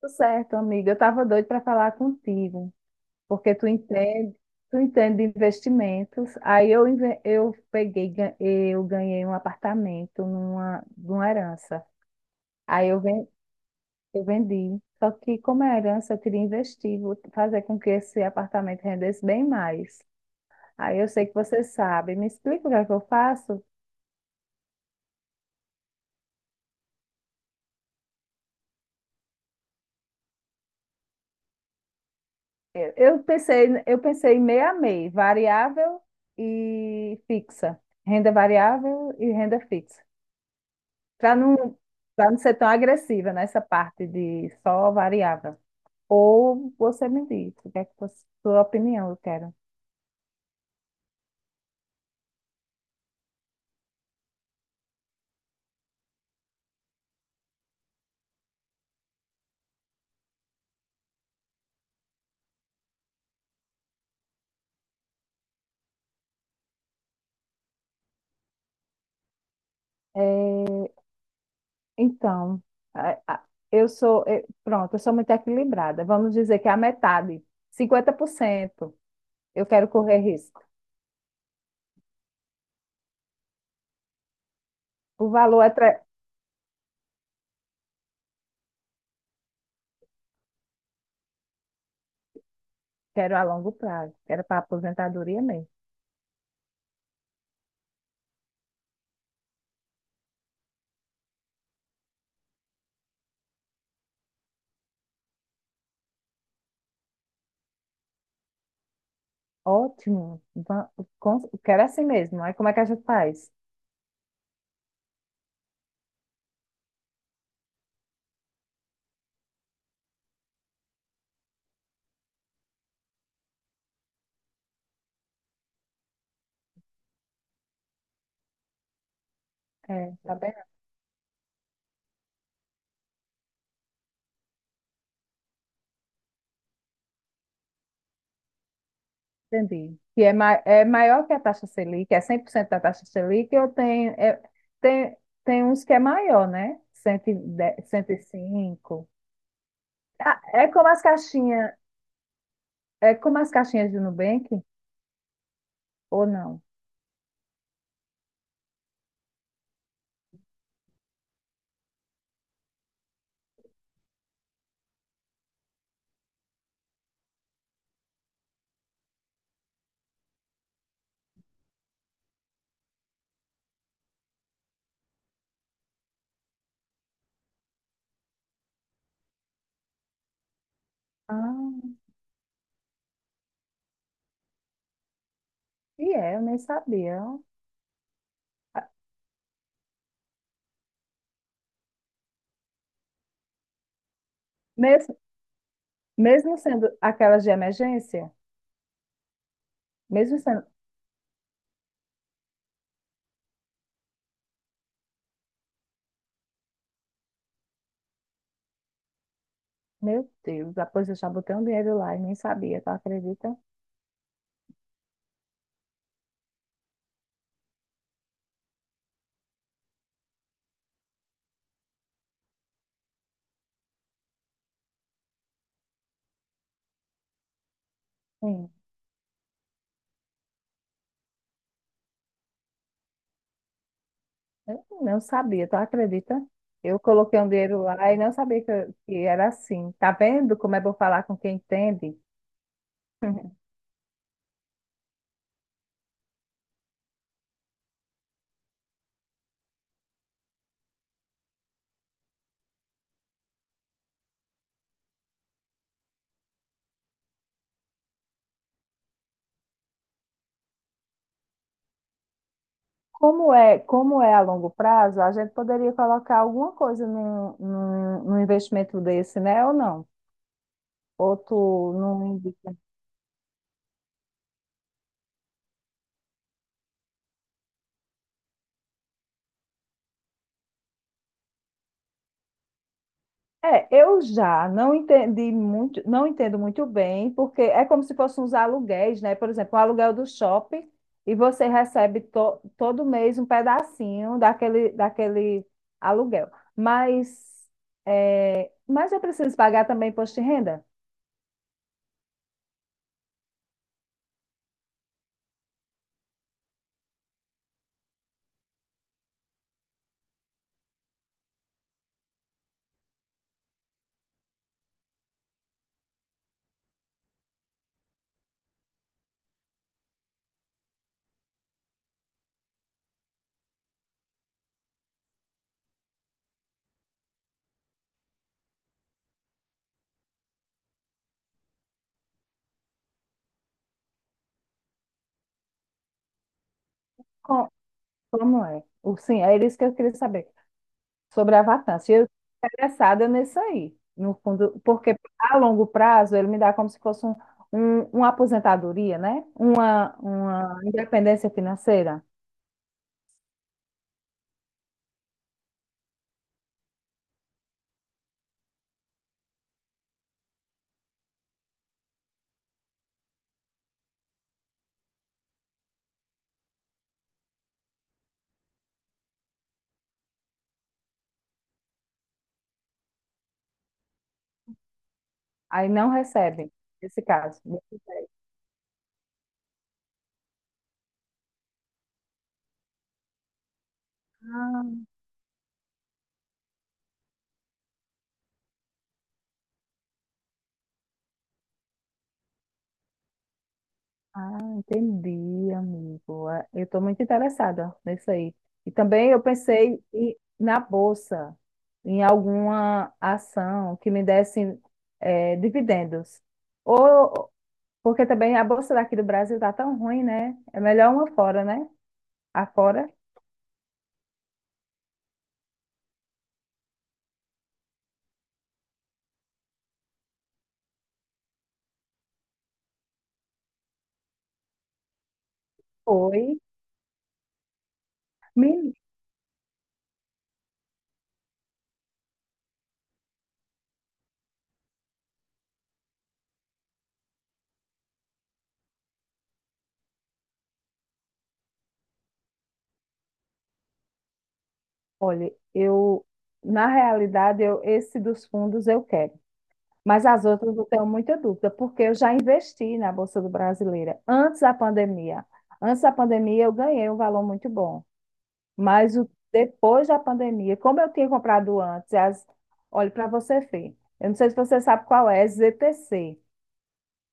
Tudo certo, amiga. Eu estava doida para falar contigo, porque tu entende de investimentos. Aí eu peguei, eu ganhei um apartamento numa herança. Aí eu vendi. Só que como é herança, eu queria investir, vou fazer com que esse apartamento rendesse bem mais. Aí eu sei que você sabe. Me explica o que é que eu faço? Eu pensei, eu pensei meio a meio, variável e fixa. Renda variável e renda fixa. Para não, para não ser tão agressiva nessa parte de só variável. Ou você me diz, o que é que você, sua opinião eu quero. Então, a- a- eu sou, pronto, eu sou muito equilibrada. Vamos dizer que é a metade, 50% eu quero correr risco. O valor é, tre- quero a longo prazo, quero para aposentadoria mesmo. Ótimo, quero assim mesmo. Aí como é que a gente faz? É, tá. Entendi. Que é, ma é maior que a taxa Selic, é 100% da taxa Selic, eu tenho, é, tem, tem uns que é maior, né? 110, 105. Ah, é como as caixinhas de Nubank, ou não? Ah, e é, eu nem sabia. Ah, Mesmo, mesmo sendo aquelas de emergência, mesmo sendo. Meu Deus, depois eu já botei um dinheiro lá e nem sabia, tu acredita? Sim. Eu não sabia, tu acredita? Eu coloquei um dinheiro lá e não sabia que era assim. Tá vendo como é bom falar com quem entende? Como é a longo prazo, a gente poderia colocar alguma coisa num investimento desse, né? Ou não? Ou tu não. É, eu já não entendi muito, não entendo muito bem, porque é como se fossem uns aluguéis, né? Por exemplo, o aluguel do shopping e você recebe todo mês um pedacinho daquele aluguel. Mas eu preciso pagar também imposto de renda? Co- Como é? O- Sim, é isso que eu queria saber sobre a vacância. Eu estou interessada nisso aí, no fundo, porque a longo prazo ele me dá como se fosse uma aposentadoria, né? Uma independência financeira. Aí não recebe, nesse caso. Ah, ah, entendi, amigo. É, eu estou muito interessada nisso aí. E também na bolsa, em alguma ação que me desse dividendos. Ou, porque também a bolsa daqui do Brasil tá tão ruim, né? É melhor uma fora, né? A fora foi. Me... Olha, na realidade, eu, esse dos fundos eu quero. Mas as outras eu tenho muita dúvida, porque eu já investi na Bolsa do Brasileira antes da pandemia. Antes da pandemia eu ganhei um valor muito bom. Mas o, depois da pandemia, como eu tinha comprado antes, as, olha, para você ver, eu não sei se você sabe qual é, ZTC.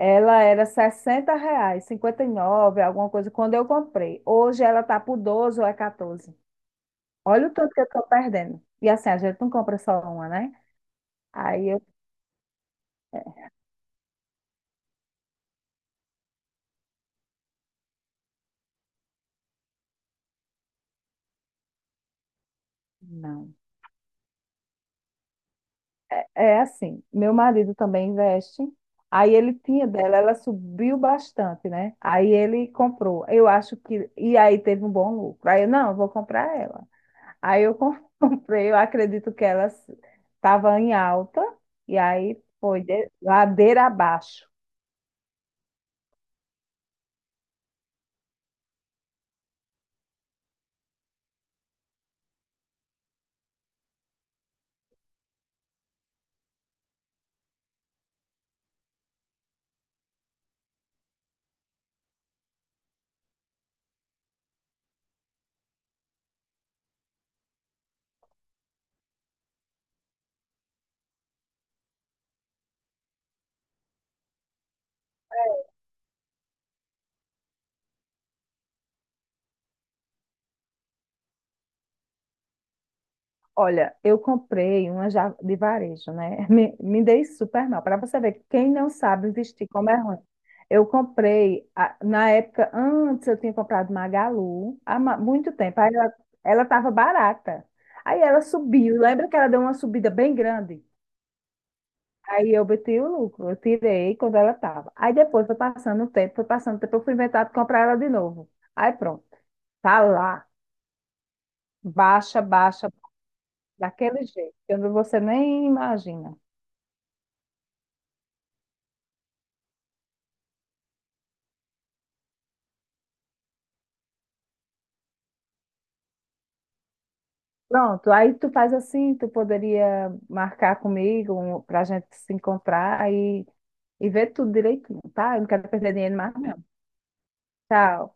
Ela era 60 reais, 59 alguma coisa, quando eu comprei. Hoje ela tá por 12 ou é 14. Olha o tanto que eu tô perdendo. E assim, a gente não compra só uma, né? Aí eu, não. É assim, meu marido também investe. Aí ele tinha dela, ela subiu bastante, né? Aí ele comprou. Eu acho que. E aí teve um bom lucro. Aí eu, não, eu vou comprar ela. Aí comprei, eu acredito que ela estava em alta. E aí foi ladeira abaixo. Olha, eu comprei uma já de varejo, né? Me dei super mal. Para você ver, quem não sabe investir como é ruim. Eu comprei, na época, antes eu tinha comprado Magalu, muito tempo. Aí ela estava barata. Aí ela subiu. Lembra que ela deu uma subida bem grande? Aí eu botei o lucro, eu tirei quando ela estava. Aí depois foi passando o tempo, foi passando o tempo, eu fui inventar de comprar ela de novo. Aí pronto, tá lá, baixa, baixa, daquele jeito, que você nem imagina. Pronto, aí tu faz assim, tu poderia marcar comigo para a gente se encontrar aí e ver tudo direitinho, tá? Eu não quero perder dinheiro mais, não. Tchau.